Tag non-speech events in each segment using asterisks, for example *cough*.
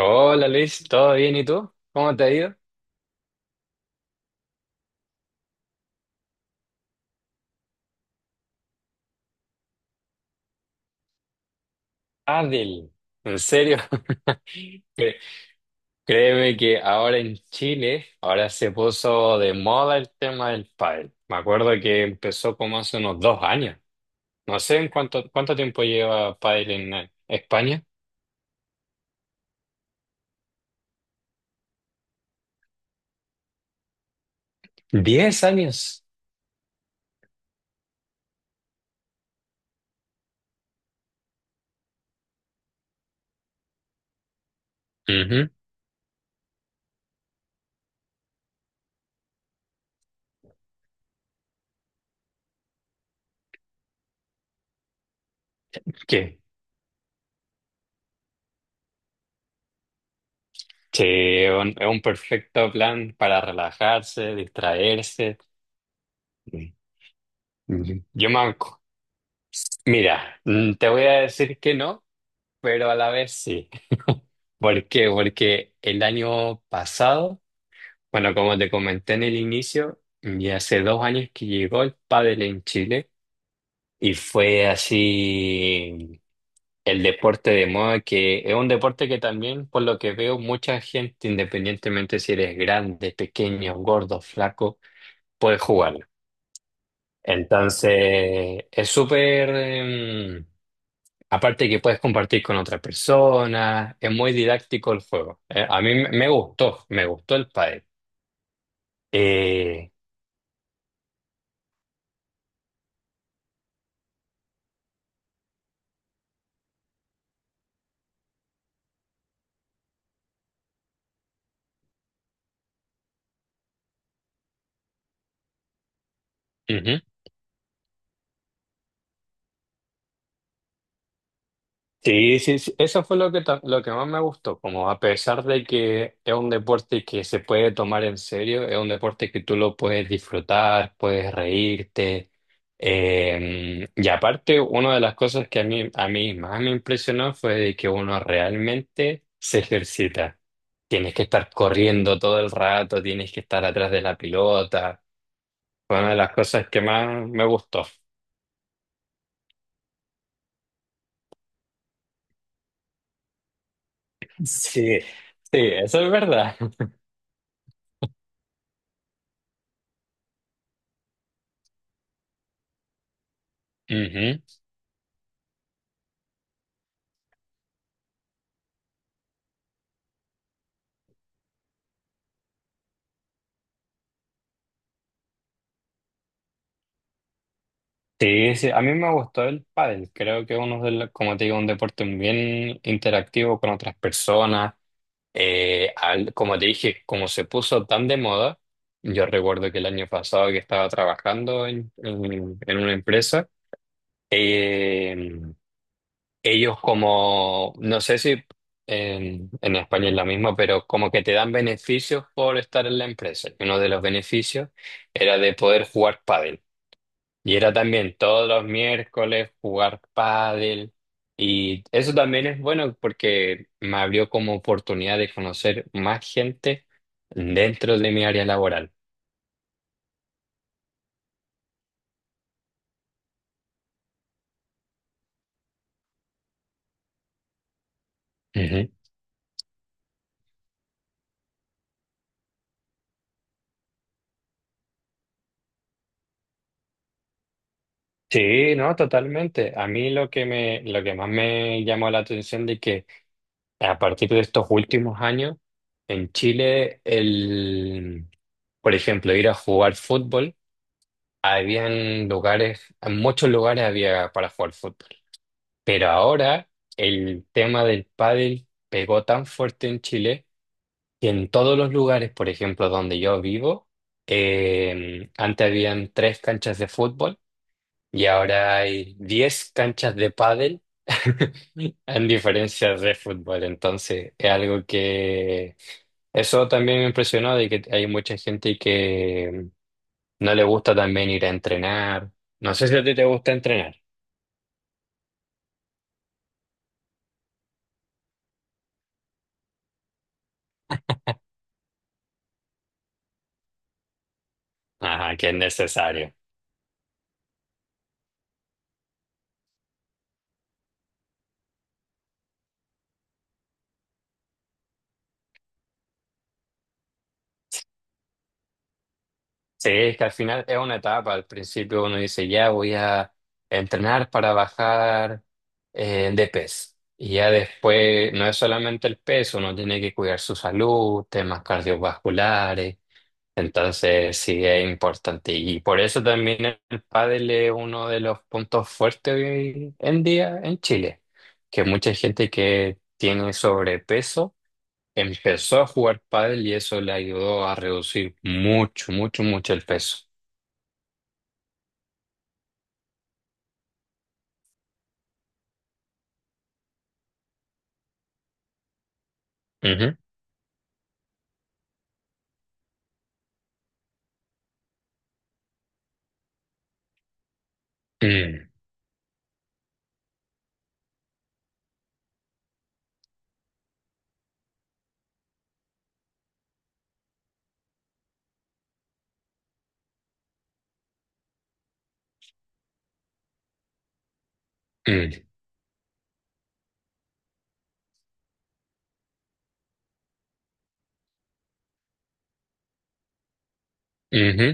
Hola Luis, ¿todo bien? ¿Y tú? ¿Cómo te ha ido? Adel, ¿en serio? *laughs* Cre- Créeme que ahora en Chile, ahora se puso de moda el tema del pádel. Me acuerdo que empezó como hace unos 2 años. No sé en cuánto tiempo lleva pádel en España. 10 años. Ujú. ¿Qué? Sí, es un perfecto plan para relajarse, distraerse. Ujú. Mira, te voy a decir que no. Pero a la vez sí. *laughs* ¿Por qué? Porque el año pasado, bueno, como te comenté en el inicio, ya hace 2 años que llegó el pádel en Chile y fue así el deporte de moda que es un deporte que también, por lo que veo, mucha gente, independientemente si eres grande, pequeño, gordo, flaco, puede jugarlo. Entonces, es súper. Aparte que puedes compartir con otra persona, es muy didáctico el juego. A mí me gustó, me gustó el pádel. Eh, Ujú. Sí, sí, sí, eso fue lo que más me gustó, como a pesar de que es un deporte que se puede tomar en serio, es un deporte que tú lo puedes disfrutar, puedes reírte. Y aparte, una de las cosas que a mí más me impresionó fue de que uno realmente se ejercita. Tienes que estar corriendo todo el rato, tienes que estar atrás de la pelota. Fue una de las cosas que más me gustó. *laughs* Sí, sí, eso es verdad. Ujú. Sí, sí, a mí me gustó el pádel. Creo que es uno de los, como te digo, un deporte bien interactivo con otras personas. Como te dije, como se puso tan de moda, yo recuerdo que el año pasado que estaba trabajando en una empresa, eh, ellos como, no sé si en España es lo mismo, pero como que te dan beneficios por estar en la empresa. Y uno de los beneficios era de poder jugar pádel. Y era también todos los miércoles jugar pádel. Y eso también es bueno porque me abrió como oportunidad de conocer más gente dentro de mi área laboral. Ujú. Sí, no, totalmente. A mí lo que más me llamó la atención de que a partir de estos últimos años en Chile, por ejemplo, ir a jugar fútbol, habían lugares, en muchos lugares había para jugar fútbol. Pero ahora el tema del pádel pegó tan fuerte en Chile que en todos los lugares, por ejemplo, donde yo vivo, antes habían tres canchas de fútbol y ahora hay 10 canchas de pádel, *laughs* en diferencia de fútbol. Entonces, es algo que eso también me impresionó de que hay mucha gente que no le gusta también ir a entrenar. No sé si a ti te gusta entrenar. Ajá, que es necesario. Sí, es que al final es una etapa. Al principio uno dice, ya voy a entrenar para bajar de peso. Y ya después no es solamente el peso, uno tiene que cuidar su salud, temas cardiovasculares. Entonces sí es importante. Y por eso también el pádel es uno de los puntos fuertes hoy en día en Chile, que mucha gente que tiene sobrepeso empezó a jugar pádel y eso le ayudó a reducir mucho, mucho, mucho el peso. Ujú, mm, mm, ujú,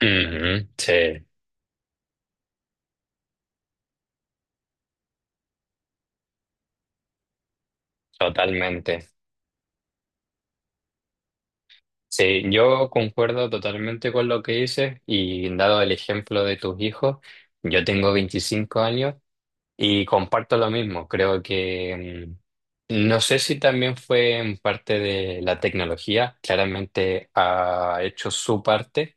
ujú, sí, totalmente. Sí, yo concuerdo totalmente con lo que dices y dado el ejemplo de tus hijos, yo tengo 25 años y comparto lo mismo. Creo que no sé si también fue en parte de la tecnología, claramente ha hecho su parte,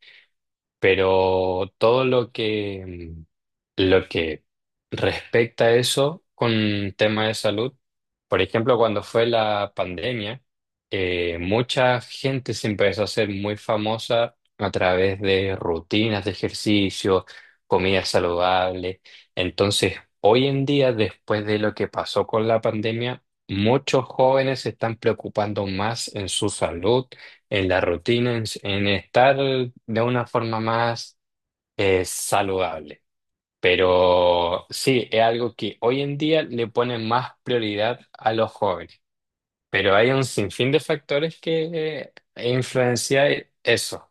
pero todo lo que Lo que respecta a eso con tema de salud, por ejemplo, cuando fue la pandemia, mucha gente se empezó a hacer muy famosa a través de rutinas de ejercicio, comida saludable. Entonces, hoy en día, después de lo que pasó con la pandemia, muchos jóvenes se están preocupando más en su salud, en la rutina, en estar de una forma más saludable. Pero sí, es algo que hoy en día le ponen más prioridad a los jóvenes. Pero hay un sinfín de factores que influencian eso.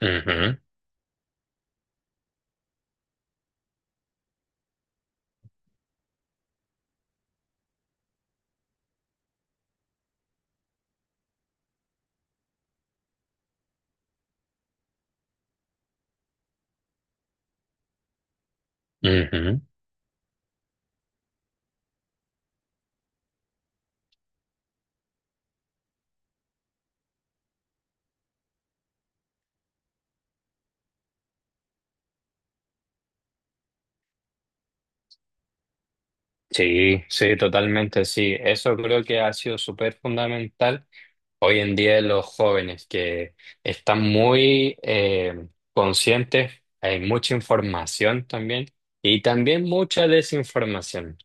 Ujú, ujú. Sí, sí, totalmente, sí. Eso creo que ha sido súper fundamental. Hoy en día los jóvenes que están muy conscientes, hay mucha información también y también mucha desinformación.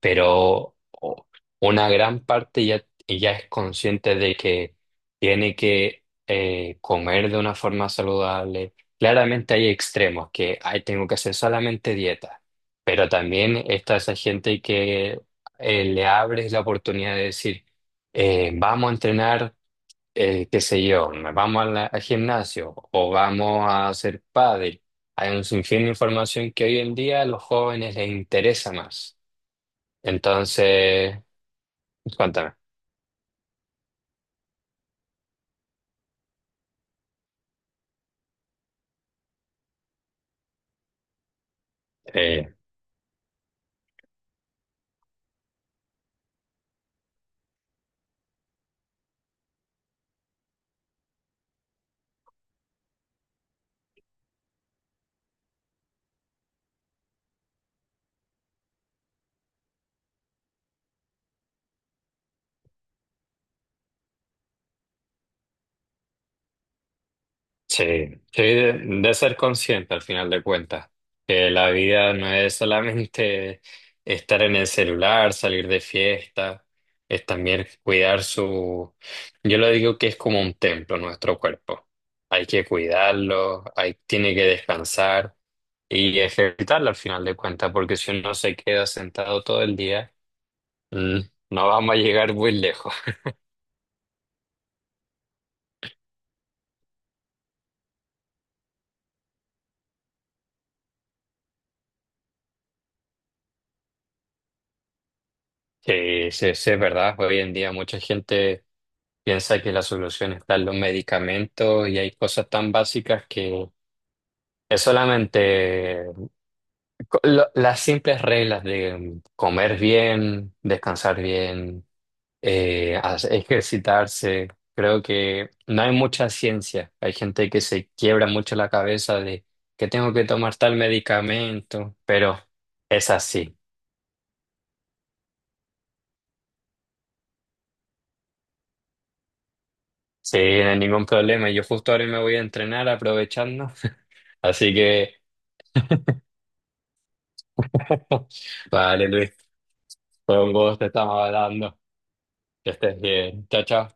pero o- una gran parte ya es consciente de que tiene que comer de una forma saludable. Claramente hay extremos que "Ay, tengo que hacer solamente dieta", pero también está esa gente que le abres la oportunidad de decir, vamos a entrenar, qué sé yo, vamos a al gimnasio o vamos a hacer pádel. Hay un sinfín de información que hoy en día a los jóvenes les interesa más. Entonces, cuéntame. Eh, sí, sí, de ser consciente al final de cuentas, que la vida no es solamente estar en el celular, salir de fiesta, es también cuidar su. Yo lo digo que es como un templo nuestro cuerpo. Hay que cuidarlo, tiene que descansar y ejercitarlo al final de cuentas, porque si uno se queda sentado todo el día, mm, no vamos a llegar muy lejos. Sí, sí, sí, es verdad. Hoy en día mucha gente piensa que la solución está en los medicamentos y hay cosas tan básicas que es solamente las simples reglas de comer bien, descansar bien, ejercitarse. Creo que no hay mucha ciencia. Hay gente que se quiebra mucho la cabeza de que tengo que tomar tal medicamento, pero es así. Sí, no hay ningún problema. Yo justo ahora me voy a entrenar aprovechando. *laughs* Así que, *laughs* vale, Luis, fue un gusto, estamos hablando. Que estés bien. Chao, chao.